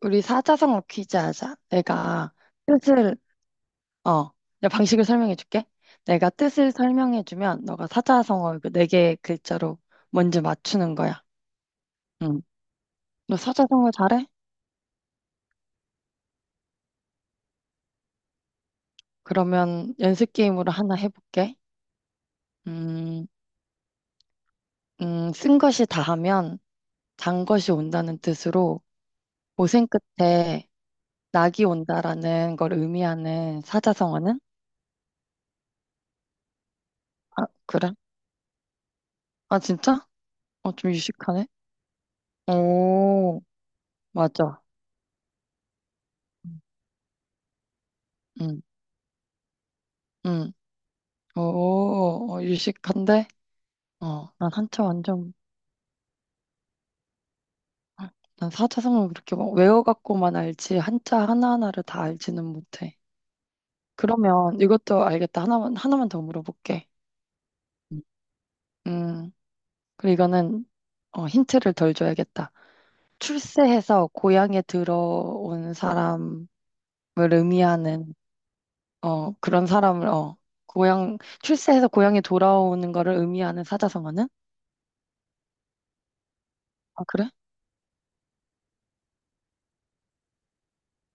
우리 사자성어 퀴즈 하자. 내가 뜻을, 어, 내가 방식을 설명해 줄게. 내가 뜻을 설명해 주면 너가 사자성어 그 네 개 글자로 먼저 맞추는 거야. 응. 너 사자성어 잘해? 그러면 연습 게임으로 하나 해볼게. 음, 쓴 것이 다하면 단 것이 온다는 뜻으로 고생 끝에 낙이 온다라는 걸 의미하는 사자성어는? 아, 그래? 아, 진짜? 어, 좀 유식하네. 오, 맞아. 응. 응. 오, 어, 유식한데? 어, 난 한자 완전, 난 사자성어 그렇게 막 외워갖고만 알지, 한자 하나하나를 다 알지는 못해. 그러면 이것도 알겠다. 하나만 더 물어볼게. 음. 음, 그리고 이거는, 어, 힌트를 덜 줘야겠다. 출세해서 고향에 들어온 사람을 의미하는, 그런 사람을, 고향, 출세해서 고향에 돌아오는 거를 의미하는 사자성어는? 아 그래?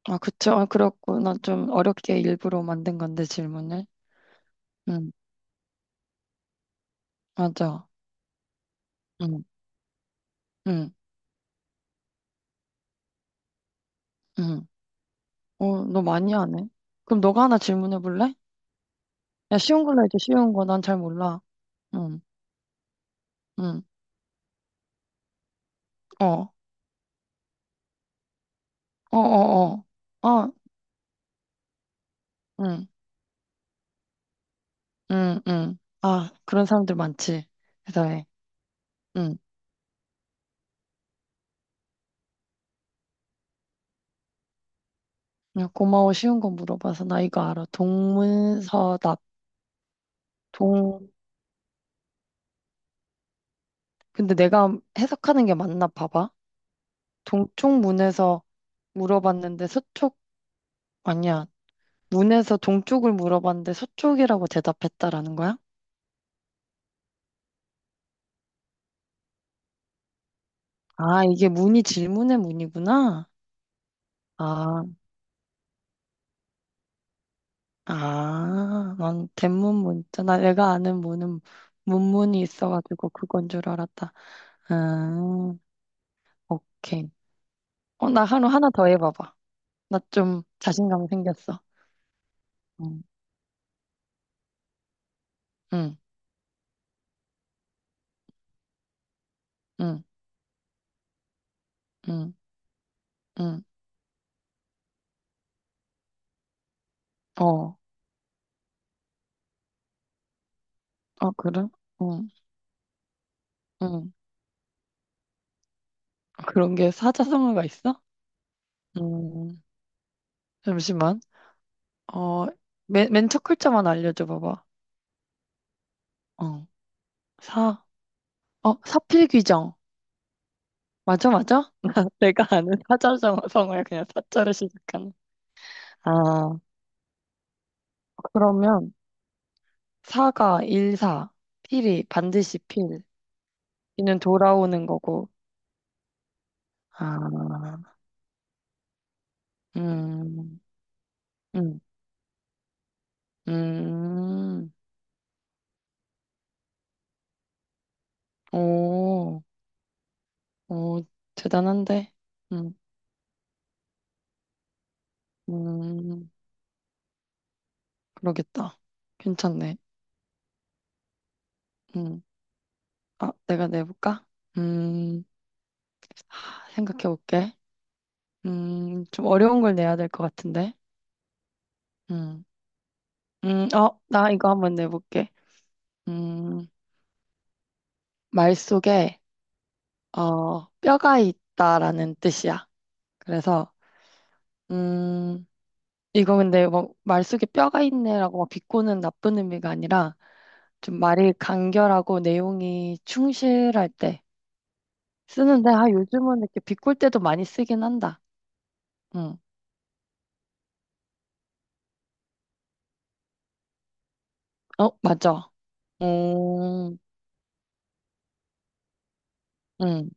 아, 그쵸. 아, 그렇구나. 좀 어렵게 일부러 만든 건데, 질문을. 응, 맞아. 응, 응, 응. 어, 너 많이 하네. 그럼 너가 하나 질문해 볼래? 야, 쉬운 걸로 해줘, 쉬운 거. 난 잘 몰라. 응, 응. 어, 어, 어, 어. 어, 응, 응, 응. 아, 그런 사람들 많지. 대단해. 응. 야, 고마워. 쉬운 거 물어봐서 나 이거 알아. 동문서답. 동, 근데 내가 해석하는 게 맞나 봐봐. 동쪽 문에서 물어봤는데 서쪽 아니야. 문에서 동쪽을 물어봤는데 서쪽이라고 대답했다라는 거야? 아, 이게 문이 질문의 문이구나. 아, 아, 난 대문 문 있잖아. 내가 아는 문은 문문이 있어가지고 그건 줄 알았다. 음, 오케이. 어, 나 하루 하나 더 해봐봐. 나 좀 자신감 생겼어. 응, 응, 응, 응, 응. 어, 어, 그래? 응, 응. 그런 게 사자성어가 있어? 음, 잠시만. 어, 맨첫 글자만 알려줘 봐봐. 어, 사, 어, 사필귀정. 맞아, 맞아? 내가 아는 사자성어야 그냥 사자로 시작하는. 아, 그러면 사가 일사, 필이 반드시 필, 이는 돌아오는 거고. 아, 음, 음, 음, 오, 오, 대단한데? 음, 음, 그러겠다. 괜찮네. 음, 아, 내가 내볼까? 음. 생각해 볼게. 좀 어려운 걸 내야 될 것 같은데. 음, 어, 나 이거 한번 내볼게. 음, 말 속에, 어, 뼈가 있다라는 뜻이야. 그래서, 음, 이거 근데 뭐, 말 속에 뼈가 있네라고 막 비꼬는 나쁜 의미가 아니라, 좀 말이 간결하고 내용이 충실할 때 쓰는데, 아, 요즘은 이렇게 비꼴 때도 많이 쓰긴 한다. 음, 어, 맞아. 음, 음,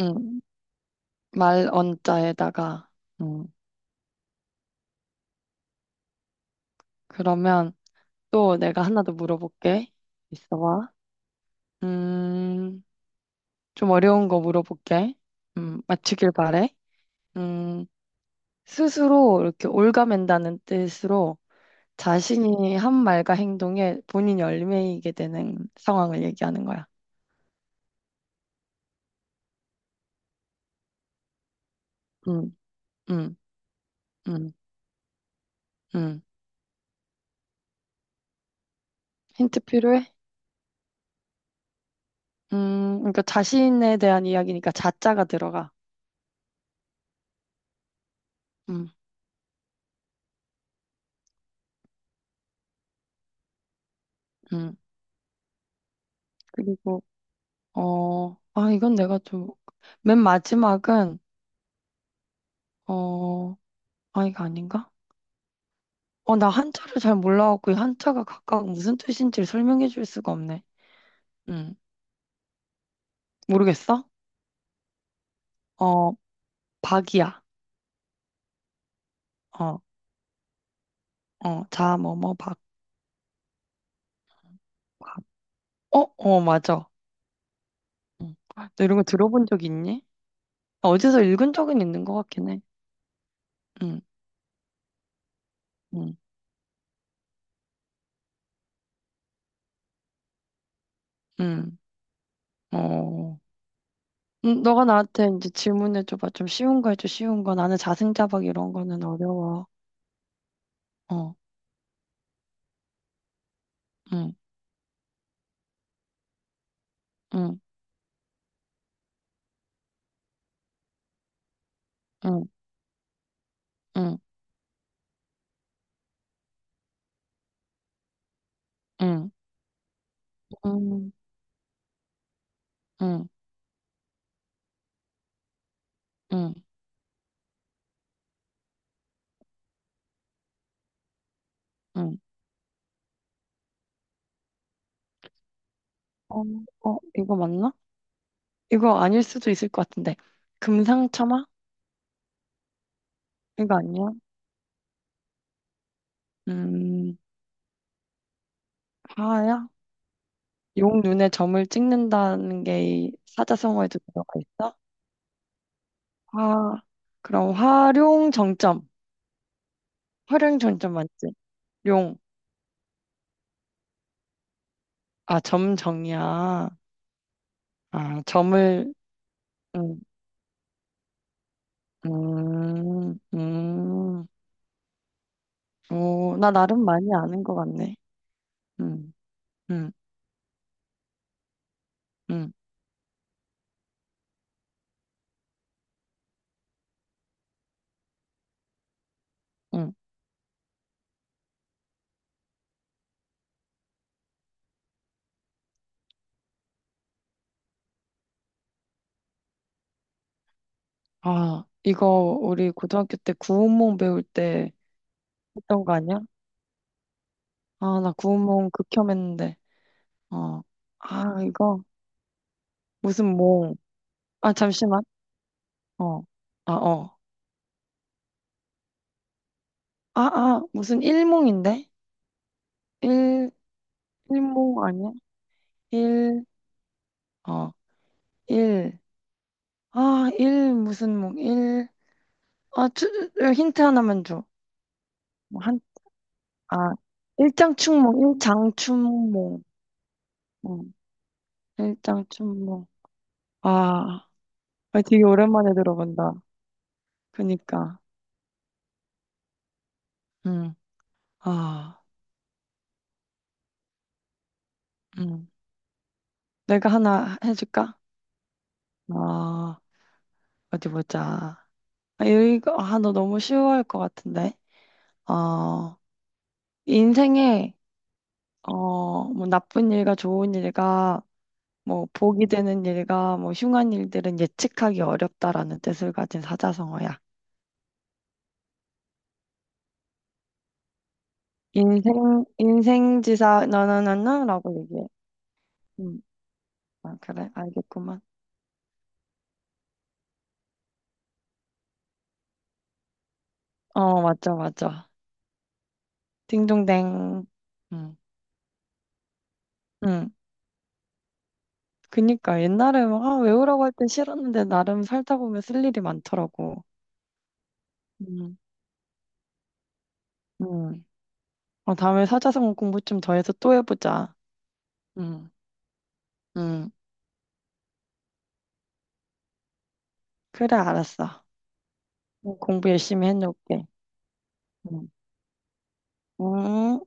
음. 말 언자에다가 음. 그러면 또 내가 하나 더 물어볼게. 있어봐. 음, 좀 어려운 거 물어볼게. 맞추길 바래. 음, 스스로 이렇게 옭아맨다는 뜻으로 자신이 한 말과 행동에 본인이 얽매이게 되는 상황을 얘기하는 거야. 음, 음, 음, 음. 힌트 필요해? 그러니까 자신에 대한 이야기니까 자자가 들어가. 음, 음. 그리고 아, 이건 내가 좀, 맨 마지막은, 어, 아, 이거 아닌가? 어, 나 한자를 잘 몰라갖고, 이 한자가 각각 무슨 뜻인지를 설명해 줄 수가 없네. 음 모르겠어? 어, 박이야. 어, 어, 자, 뭐, 뭐, 박, 박. 어, 어, 맞아. 응. 너 이런 거 들어본 적 있니? 어디서 읽은 적은 있는 것 같긴 해. 응, 응, 응, 어. 너가 나한테 이제 질문해줘봐. 좀 쉬운 거 해줘, 쉬운 거. 나는 자승자박 이런 거는 어려워. 어, 응. 응, 응, 응, 응, 응, 응, 응, 응. 어, 어, 이거 맞나? 이거 아닐 수도 있을 것 같은데. 금상첨화? 이거 아니야? 음, 화야? 용 눈에 점을 찍는다는 게이 사자성어에도 들어가 있어? 화, 그럼 활용 정점. 활용 정점 맞지? 용, 아, 점 정이야. 아, 점을, 음, 음, 음. 오, 나 나름 많이 아는 것 같네. 음. 음. 응, 응. 아, 이거 우리 고등학교 때 구운몽 배울 때 했던 거 아니야? 아, 나 구운몽 극혐했는데. 어. 아, 이거 무슨 몽. 아, 잠시만. 어. 아, 어. 아, 아, 무슨 일몽인데? 일, 일몽 아니야? 일, 어, 일. 아, 일 무슨 몽, 일. 아, 주, 힌트 하나만 줘. 뭐 한, 아, 일장춘몽. 어, 일장춘몽. 아. 아, 되게 오랜만에 들어본다. 그니까. 응, 아, 응. 내가 하나 해줄까? 아, 어디 보자. 아, 이거, 아, 너 너무 쉬워할 것 같은데. 어, 인생에, 어, 뭐 나쁜 일과 좋은 일과, 뭐 복이 되는 일과, 뭐 흉한 일들은 예측하기 어렵다라는 뜻을 가진 사자성어야. 인생지사, 너너너너라고 얘기해. 음, 아, 그래, 알겠구만. 어, 맞죠, 맞죠. 딩동댕. 음. 응. 그니까 옛날에 막 아, 외우라고 할 땐 싫었는데 나름 살다 보면 쓸 일이 많더라고. 응, 응. 어, 다음에 사자성어 공부 좀 더 해서 또 해보자. 응, 응. 그래, 알았어. 공부 열심히 해놓을게. 응. 응.